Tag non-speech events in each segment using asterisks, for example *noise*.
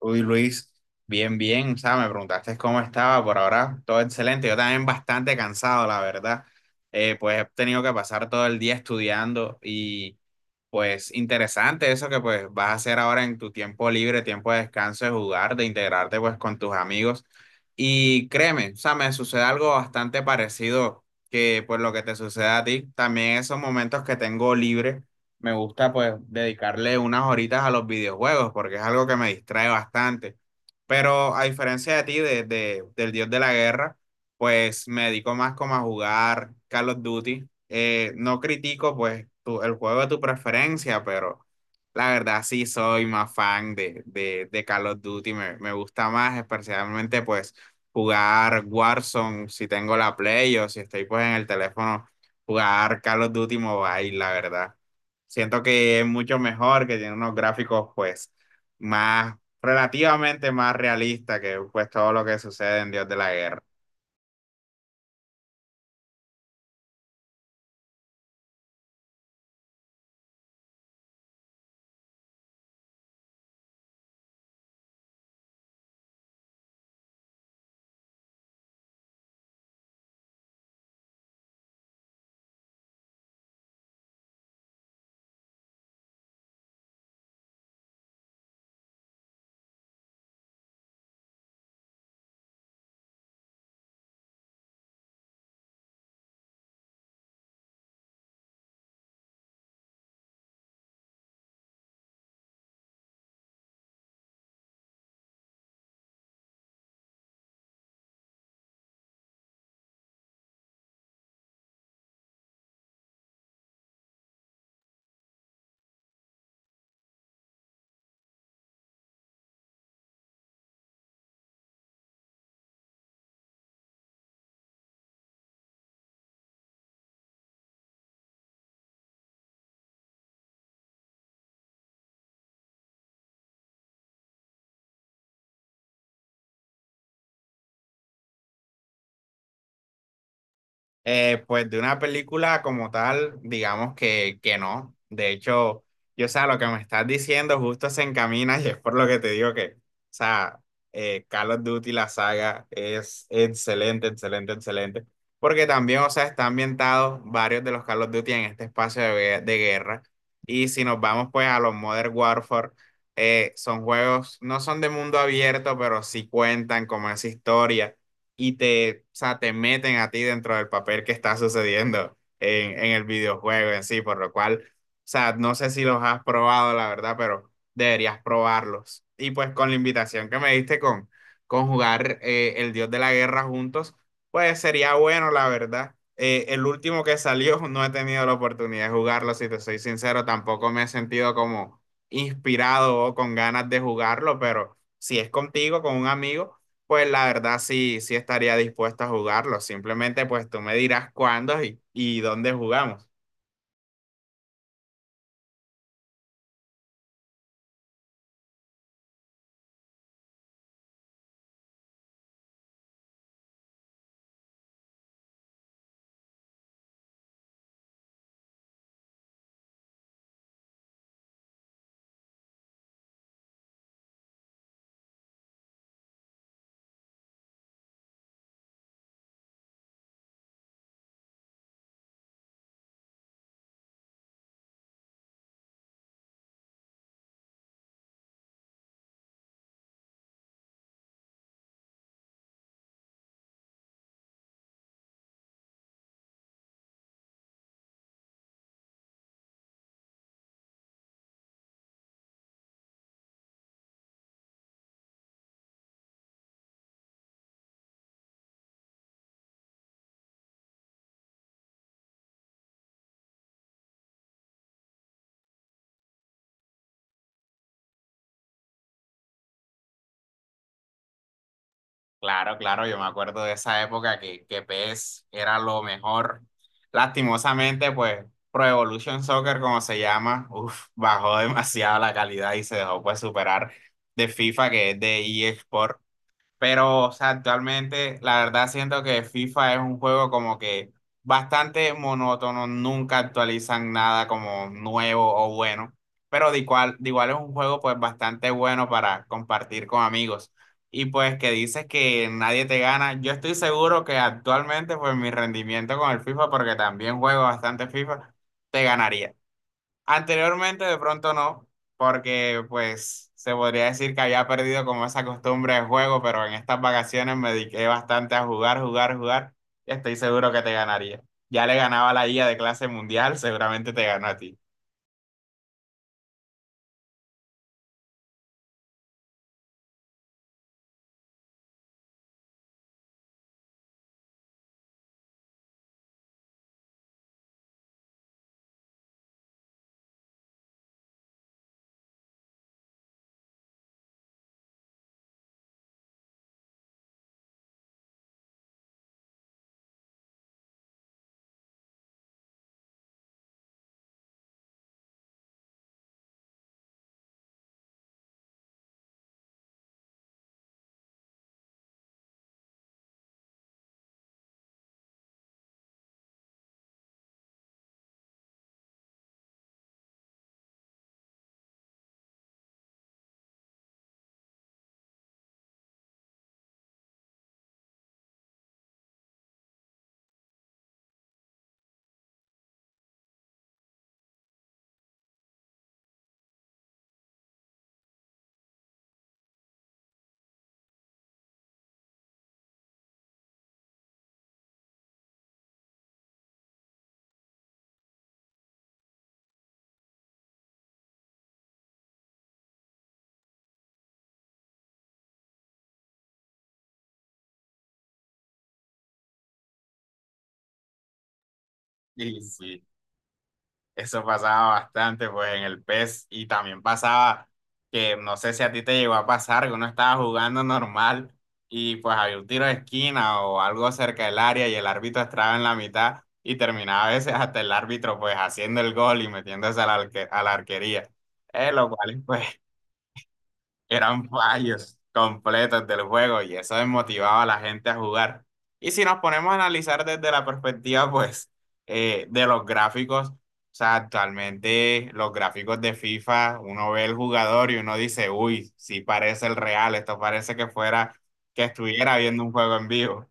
Uy, Luis, bien, bien, o sea, me preguntaste cómo estaba, por ahora todo excelente, yo también bastante cansado, la verdad. Pues he tenido que pasar todo el día estudiando y pues interesante eso que pues vas a hacer ahora en tu tiempo libre, tiempo de descanso, de jugar, de integrarte pues con tus amigos. Y créeme, o sea, me sucede algo bastante parecido que pues lo que te sucede a ti. También esos momentos que tengo libre, me gusta pues dedicarle unas horitas a los videojuegos porque es algo que me distrae bastante. Pero a diferencia de ti, del dios de la guerra pues me dedico más como a jugar Call of Duty. No critico pues tu- el juego de tu preferencia, pero la verdad sí soy más fan de Call of Duty. Me gusta más especialmente pues jugar Warzone si tengo la Play o si estoy pues en el teléfono, jugar Call of Duty Mobile, la verdad. Siento que es mucho mejor, que tiene unos gráficos pues más relativamente más realista que pues todo lo que sucede en Dios de la Guerra. Pues de una película como tal, digamos que no. De hecho, yo, o sea, lo que me estás diciendo justo se encamina y es por lo que te digo que, o sea, Call of Duty, la saga, es excelente, excelente, excelente. Porque también, o sea, están ambientados varios de los Call of Duty en este espacio de, gue- de guerra. Y si nos vamos pues a los Modern Warfare, son juegos, no son de mundo abierto, pero sí cuentan como esa historia y te, o sea, te meten a ti dentro del papel que está sucediendo en el videojuego en sí, por lo cual, o sea, no sé si los has probado, la verdad, pero deberías probarlos. Y pues con la invitación que me diste con jugar El Dios de la Guerra juntos, pues sería bueno, la verdad. El último que salió *laughs* no he tenido la oportunidad de jugarlo, si te soy sincero, tampoco me he sentido como inspirado o con ganas de jugarlo, pero si es contigo, con un amigo pues la verdad sí, sí estaría dispuesto a jugarlo. Simplemente pues tú me dirás cuándo y dónde jugamos. Claro, claro, yo me acuerdo de esa época que PES era lo mejor. Lastimosamente pues Pro Evolution Soccer como se llama, uf, bajó *laughs* demasiado la calidad y se dejó pues superar de FIFA que es de eSport. Pero, o sea, actualmente la verdad siento que FIFA es un juego como que bastante monótono, nunca actualizan nada como nuevo o bueno, pero de igual es un juego pues bastante bueno para compartir con amigos. Y pues que dices que nadie te gana, yo estoy seguro que actualmente pues mi rendimiento con el FIFA, porque también juego bastante FIFA, te ganaría. Anteriormente de pronto no, porque pues se podría decir que había perdido como esa costumbre de juego, pero en estas vacaciones me dediqué bastante a jugar, jugar, jugar y estoy seguro que te ganaría. Ya le ganaba a la IA de clase mundial, seguramente te ganó a ti. Y sí. Eso pasaba bastante, pues, en el PES. Y también pasaba que, no sé si a ti te llegó a pasar, que uno estaba jugando normal y pues había un tiro de esquina o algo cerca del área y el árbitro estaba en la mitad y terminaba a veces hasta el árbitro, pues, haciendo el gol y metiéndose a la, arque- a la arquería. Lo cual, pues, eran *laughs* fallos completos del juego y eso desmotivaba a la gente a jugar. Y si nos ponemos a analizar desde la perspectiva, pues, de los gráficos, o sea, actualmente los gráficos de FIFA, uno ve el jugador y uno dice, uy, sí parece el real, esto parece que fuera, que estuviera viendo un juego en vivo.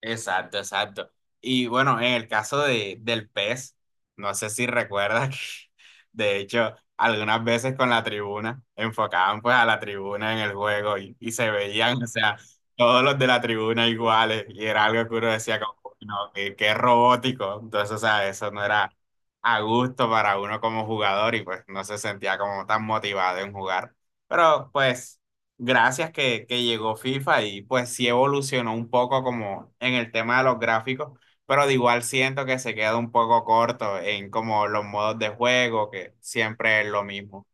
Exacto, exacto. Y bueno, en el caso de, del pez, no sé si recuerdas *laughs* que, de hecho, algunas veces con la tribuna, enfocaban pues a la tribuna en el juego y se veían, o sea, todos los de la tribuna iguales y era algo que uno decía como, "Uy, no, qué, qué robótico". Entonces, o sea, eso no era a gusto para uno como jugador y pues no se sentía como tan motivado en jugar. Pero pues gracias que llegó FIFA y pues sí evolucionó un poco como en el tema de los gráficos, pero de igual siento que se queda un poco corto en como los modos de juego, que siempre es lo mismo.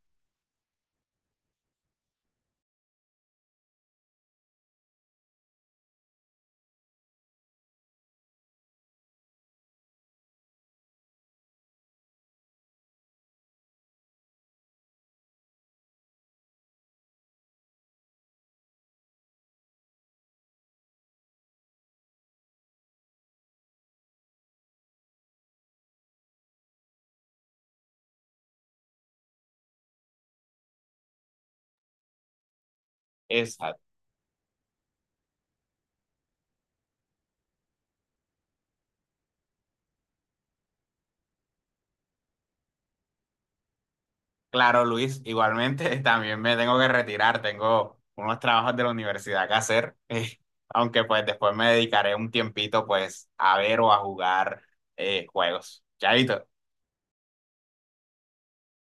Exacto. Claro, Luis, igualmente *laughs* también me tengo que retirar, tengo unos trabajos de la universidad que hacer, *laughs* aunque pues después me dedicaré un tiempito pues a ver o a jugar juegos. Chaito.